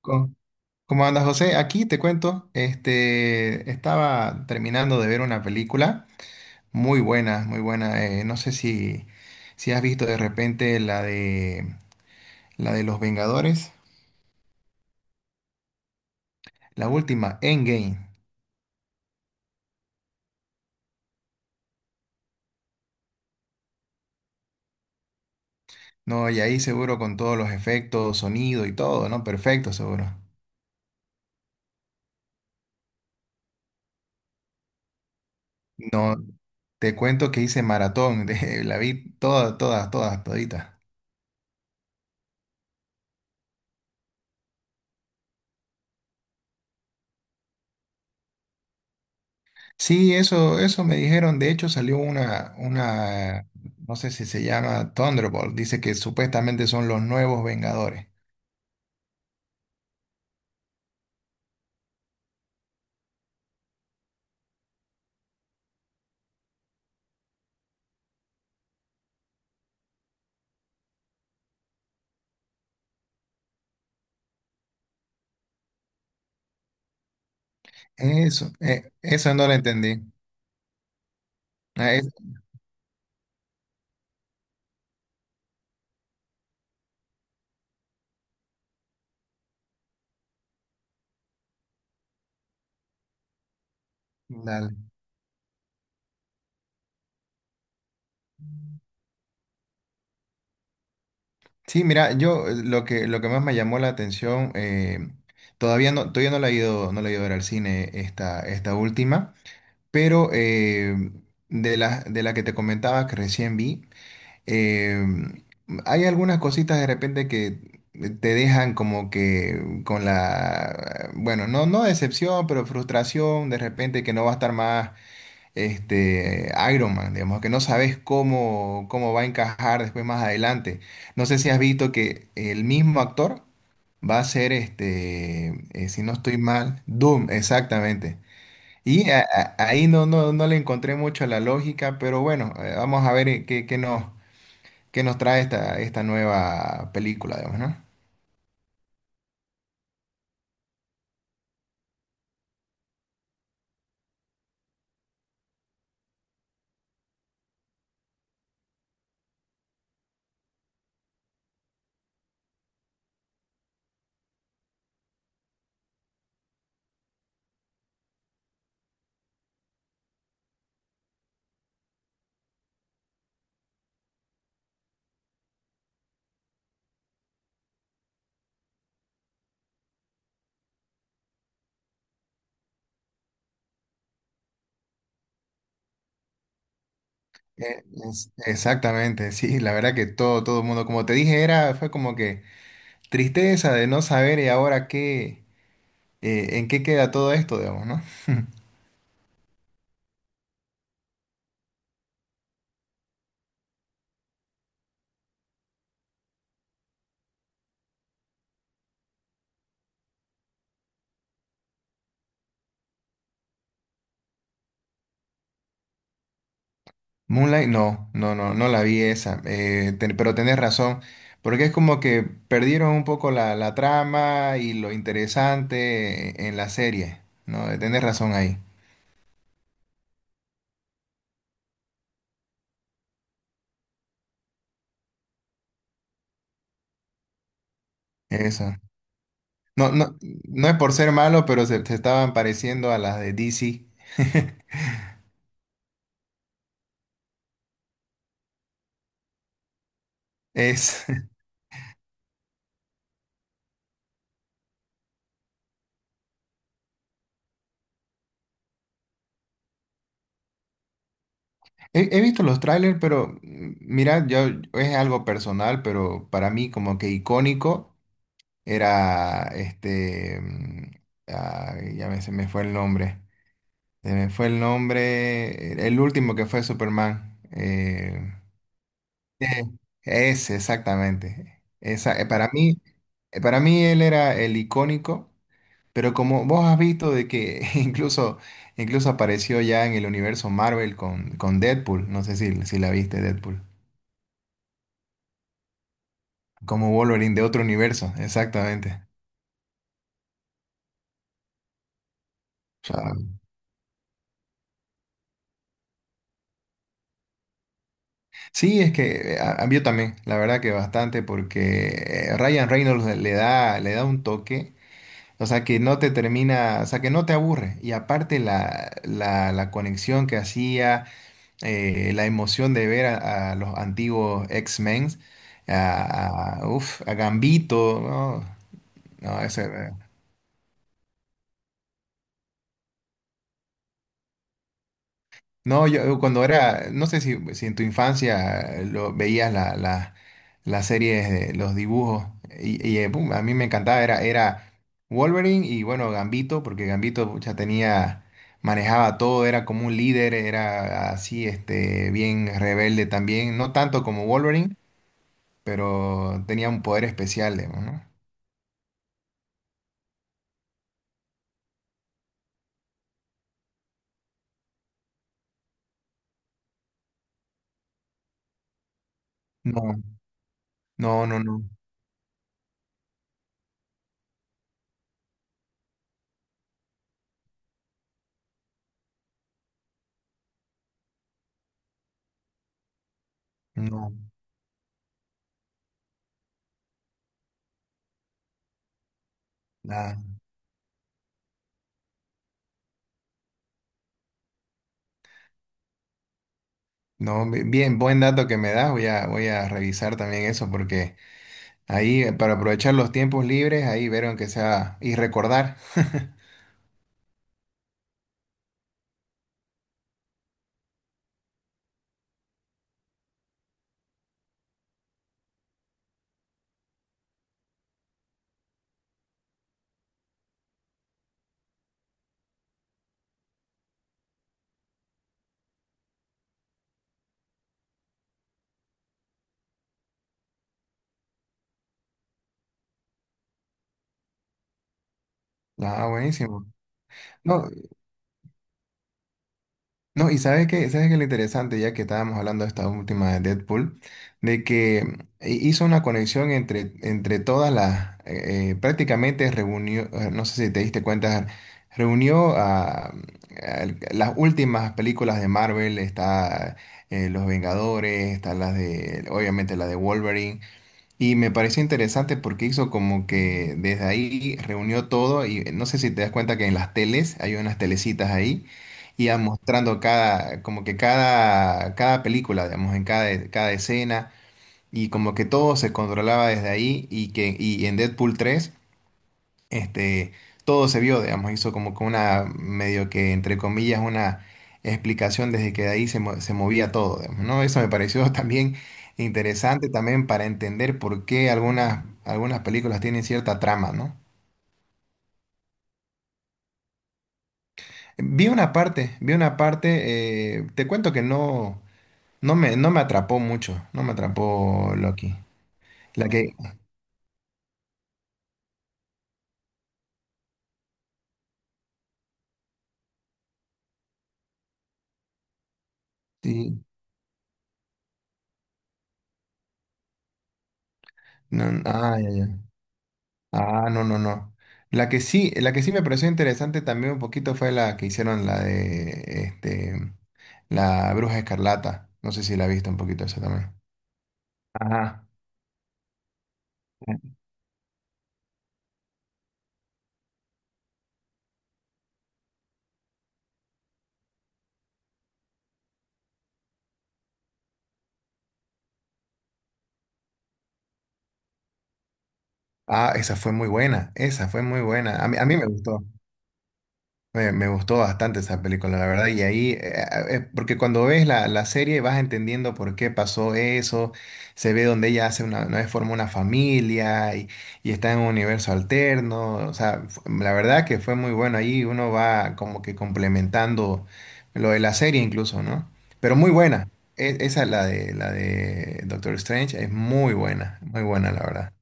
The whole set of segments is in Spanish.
Co- ¿Cómo andas, José? Aquí te cuento, estaba terminando de ver una película muy buena, muy buena. No sé si has visto de repente la de Los Vengadores, la última, Endgame. No, y ahí seguro con todos los efectos, sonido y todo, ¿no? Perfecto, seguro. No, te cuento que hice maratón, la vi toda, todas, todas, todita. Sí, eso me dijeron. De hecho, salió una, no sé si se llama Thunderbolt. Dice que supuestamente son los nuevos Vengadores. Eso, eso no lo entendí. Ah, es- Dale. Sí, mira, yo, lo que más me llamó la atención, todavía no la he ido, no la he ido a ver al cine esta última, pero de de la que te comentaba que recién vi. eh, Hay algunas cositas de repente que te dejan como que con la, bueno, no decepción, pero frustración de repente que no va a estar más este Iron Man, digamos, que no sabes cómo va a encajar después más adelante. No sé si has visto que el mismo actor va a ser este, si no estoy mal, Doom, exactamente. Ahí no, no, no le encontré mucho la lógica, pero bueno, vamos a ver qué que nos trae esta nueva película, digamos, ¿no? Exactamente, sí, la verdad que todo el mundo, como te dije, fue como que tristeza de no saber y ahora qué, en qué queda todo esto, digamos, ¿no? Moonlight, no, no, no, no la vi esa, pero tenés razón, porque es como que perdieron un poco la trama y lo interesante en la serie, ¿no? Tenés razón ahí, eso. No, no, no es por ser malo, pero se estaban pareciendo a las de DC. Es, he visto los trailers, pero mm, mira, yo es algo personal, pero para mí como que icónico era este, se me fue el nombre, se me fue el nombre, el último que fue Superman. Eh, Ese, exactamente. Esa, para mí él era el icónico. Pero como vos has visto de que incluso, incluso apareció ya en el universo Marvel con Deadpool, no sé si la viste Deadpool, como Wolverine de otro universo, exactamente. O sea, sí, es que yo también, la verdad que bastante, porque Ryan Reynolds le da un toque, o sea, que no te termina, o sea, que no te aburre. Y aparte la conexión que hacía la emoción de ver a los antiguos X-Men, a Gambito, ¿no? No, ese era- no, yo cuando era, no sé si en tu infancia lo, veías las series, de los dibujos, pum, a mí me encantaba, era Wolverine y bueno, Gambito, porque Gambito ya tenía, manejaba todo, era como un líder, era así, este, bien rebelde también, no tanto como Wolverine, pero tenía un poder especial, digamos, ¿no? No, no, no, no, no, nada. No, bien, buen dato que me das, voy a revisar también eso porque ahí para aprovechar los tiempos libres, ahí vieron que sea y recordar. Ah, buenísimo. No, no, y sabes que lo interesante, ya que estábamos hablando de esta última de Deadpool, de que hizo una conexión entre todas las, prácticamente reunió, no sé si te diste cuenta, reunió a las últimas películas de Marvel, está Los Vengadores, está las de, obviamente la de Wolverine, y me pareció interesante porque hizo como que desde ahí reunió todo y no sé si te das cuenta que en las teles hay unas telecitas ahí y iba mostrando cada, como que cada película, digamos, en cada escena y como que todo se controlaba desde ahí y que y en Deadpool 3 este, todo se vio, digamos, hizo como que una, medio que, entre comillas, una explicación desde que de ahí se movía todo, digamos, ¿no? Eso me pareció también interesante también para entender por qué algunas películas tienen cierta trama, ¿no? Vi una parte, te cuento que no me atrapó mucho, no me atrapó Loki. La que, sí, no, ah, ya, ya. Ah, no, no, no. La que sí me pareció interesante también un poquito fue la que hicieron la de la Bruja Escarlata. No sé si la viste un poquito esa también. Ajá. Ah, esa fue muy buena. Esa fue muy buena. A mí me gustó. Me gustó bastante esa película, la verdad, y ahí, porque cuando ves la serie vas entendiendo por qué pasó eso, se ve donde ella hace una vez forma una familia y está en un universo alterno, o sea, la verdad que fue muy bueno, ahí uno va como que complementando lo de la serie incluso, ¿no? Pero muy buena, esa es la de Doctor Strange, es muy buena, la verdad.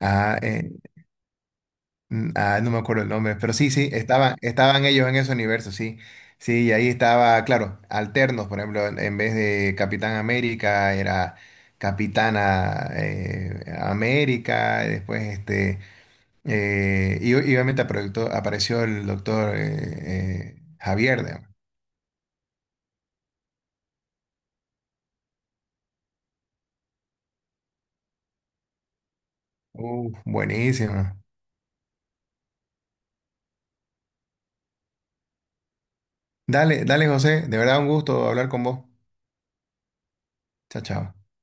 Ah, eh, no me acuerdo el nombre, pero sí, sí, estaban, estaban ellos en ese universo, sí. Sí, y ahí estaba, claro, alternos, por ejemplo, en vez de Capitán América era Capitana América, y después este, y obviamente apareció, apareció el doctor Javier, digamos. Buenísimo. Dale, dale, José, de verdad un gusto hablar con vos. Chao, chao.